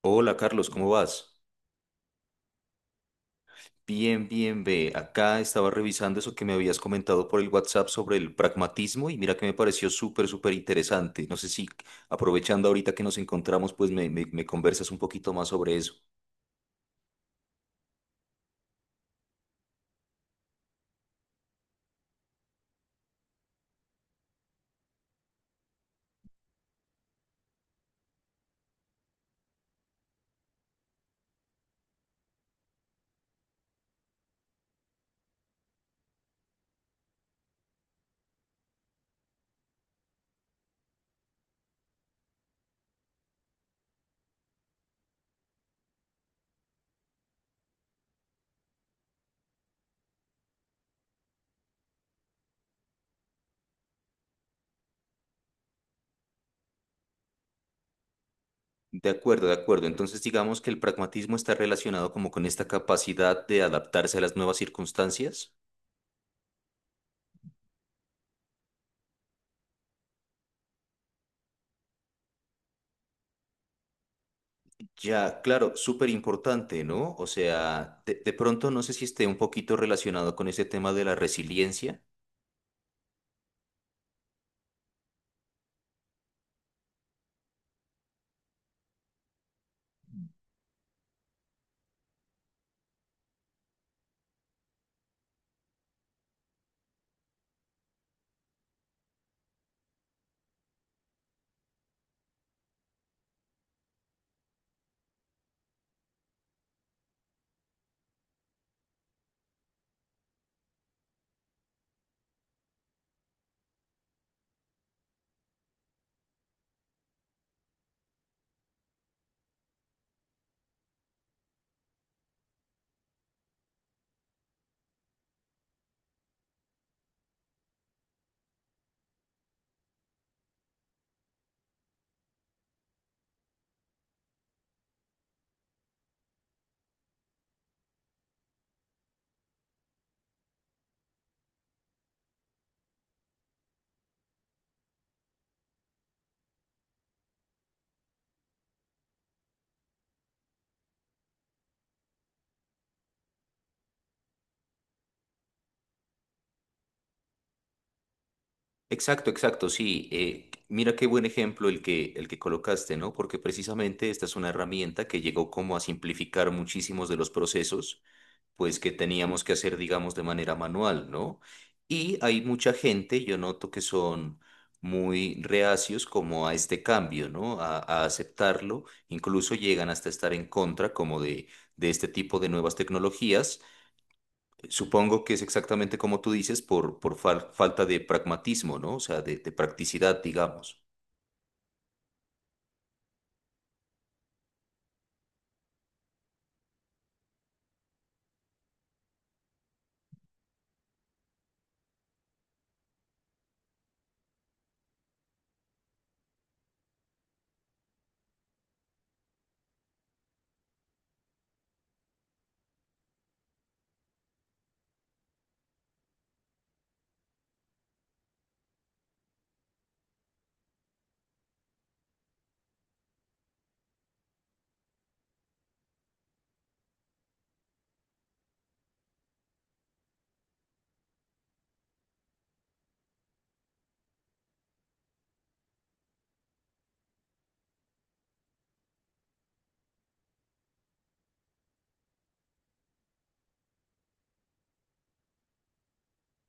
Hola Carlos, ¿cómo vas? Bien, bien, ve. Acá estaba revisando eso que me habías comentado por el WhatsApp sobre el pragmatismo y mira que me pareció súper, súper interesante. No sé si aprovechando ahorita que nos encontramos, pues me conversas un poquito más sobre eso. De acuerdo, de acuerdo. Entonces digamos que el pragmatismo está relacionado como con esta capacidad de adaptarse a las nuevas circunstancias. Ya, claro, súper importante, ¿no? O sea, de pronto no sé si esté un poquito relacionado con ese tema de la resiliencia. Exacto, exacto, sí. Mira qué buen ejemplo el que colocaste, ¿no? Porque precisamente esta es una herramienta que llegó como a simplificar muchísimos de los procesos, pues que teníamos que hacer, digamos, de manera manual, ¿no? Y hay mucha gente, yo noto que son muy reacios como a este cambio, ¿no? A aceptarlo, incluso llegan hasta estar en contra como de este tipo de nuevas tecnologías. Supongo que es exactamente como tú dices, por falta de pragmatismo, ¿no? O sea, de practicidad, digamos.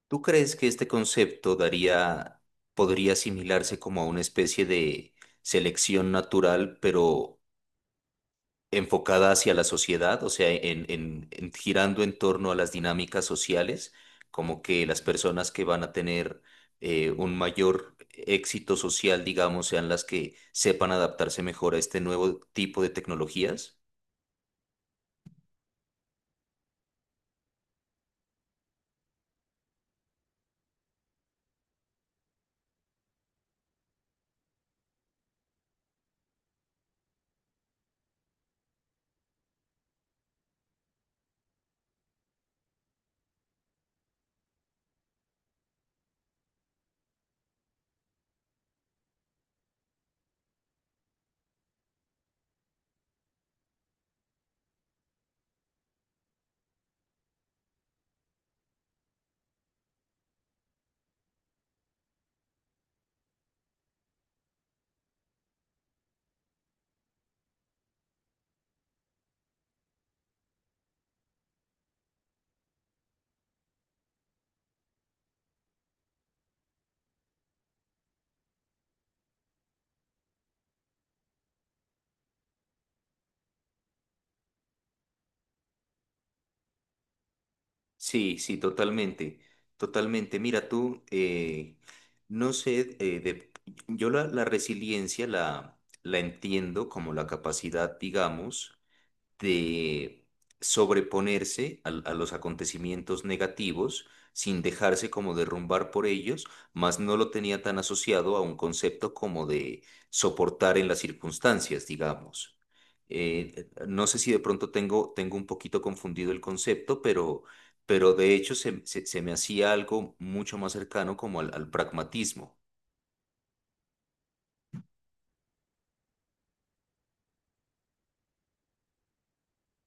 ¿Tú crees que este concepto daría, podría asimilarse como a una especie de selección natural, pero enfocada hacia la sociedad, o sea, girando en torno a las dinámicas sociales, como que las personas que van a tener un mayor éxito social, digamos, sean las que sepan adaptarse mejor a este nuevo tipo de tecnologías? Sí, sí, totalmente, totalmente. Mira, tú, no sé, de- yo la resiliencia la entiendo como la capacidad, digamos, de sobreponerse a los acontecimientos negativos sin dejarse como derrumbar por ellos, mas no lo tenía tan asociado a un concepto como de soportar en las circunstancias, digamos. No sé si de pronto tengo un poquito confundido el concepto, pero de hecho se me hacía algo mucho más cercano como al, al pragmatismo.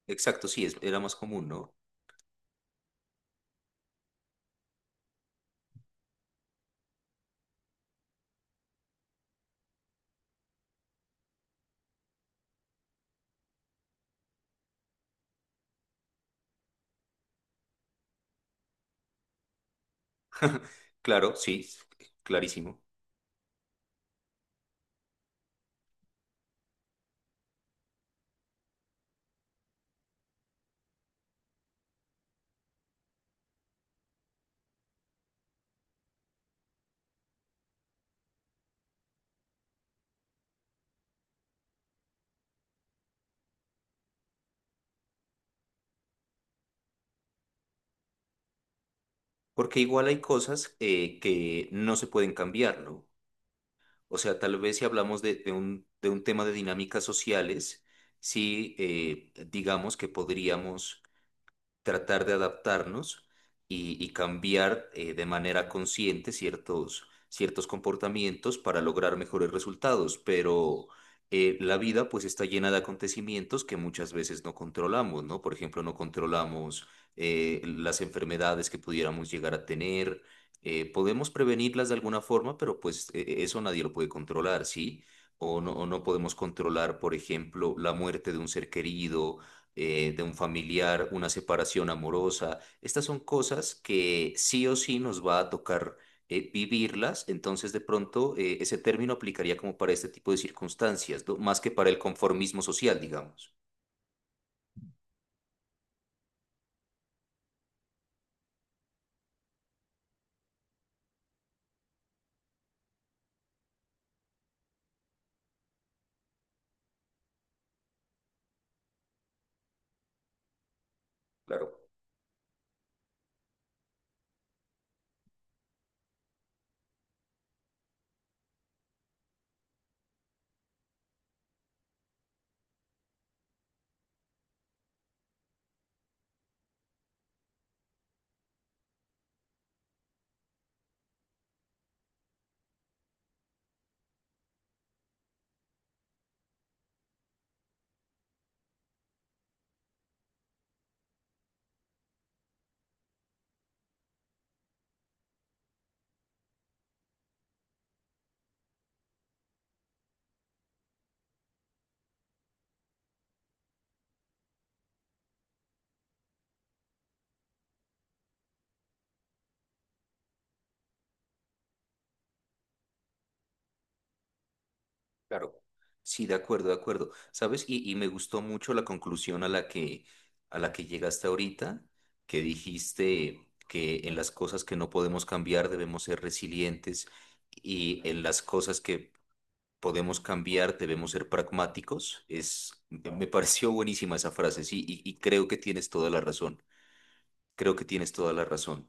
Exacto, sí, era más común, ¿no? Claro, sí, clarísimo. Porque igual hay cosas que no se pueden cambiar, ¿no? O sea, tal vez si hablamos de, de un tema de dinámicas sociales, sí, digamos que podríamos tratar de adaptarnos y cambiar de manera consciente ciertos, ciertos comportamientos para lograr mejores resultados, pero la vida pues está llena de acontecimientos que muchas veces no controlamos, ¿no? Por ejemplo, no controlamos las enfermedades que pudiéramos llegar a tener. Podemos prevenirlas de alguna forma, pero pues eso nadie lo puede controlar, ¿sí? O no podemos controlar, por ejemplo, la muerte de un ser querido, de un familiar, una separación amorosa. Estas son cosas que sí o sí nos va a tocar vivirlas, entonces de pronto ese término aplicaría como para este tipo de circunstancias, ¿no? Más que para el conformismo social, digamos. Claro, claro. Sí, de acuerdo, de acuerdo. ¿Sabes? Y me gustó mucho la conclusión a la que llegaste ahorita, que dijiste que en las cosas que no podemos cambiar debemos ser resilientes y en las cosas que podemos cambiar, debemos ser pragmáticos. Es, me pareció buenísima esa frase, sí, y creo que tienes toda la razón. Creo que tienes toda la razón.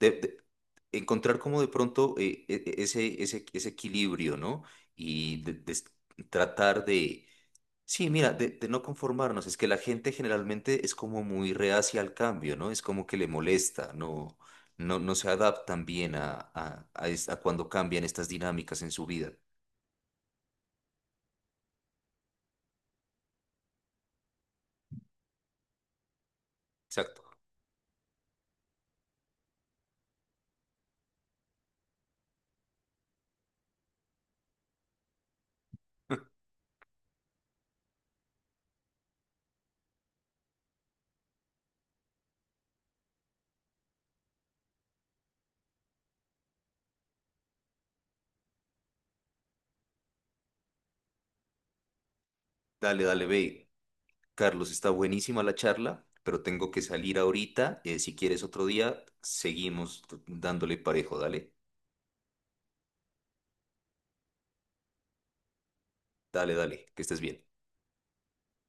De- de- Encontrar como de pronto ese equilibrio, ¿no? Y de- de s- Tratar de, sí, mira, de no conformarnos. Es que la gente generalmente es como muy reacia al cambio, ¿no? Es como que le molesta, ¿no? No, no se adaptan bien a, a cuando cambian estas dinámicas en su vida. Exacto. Dale, dale, ve. Carlos, está buenísima la charla, pero tengo que salir ahorita. Si quieres otro día, seguimos dándole parejo. Dale, dale, dale, que estés bien.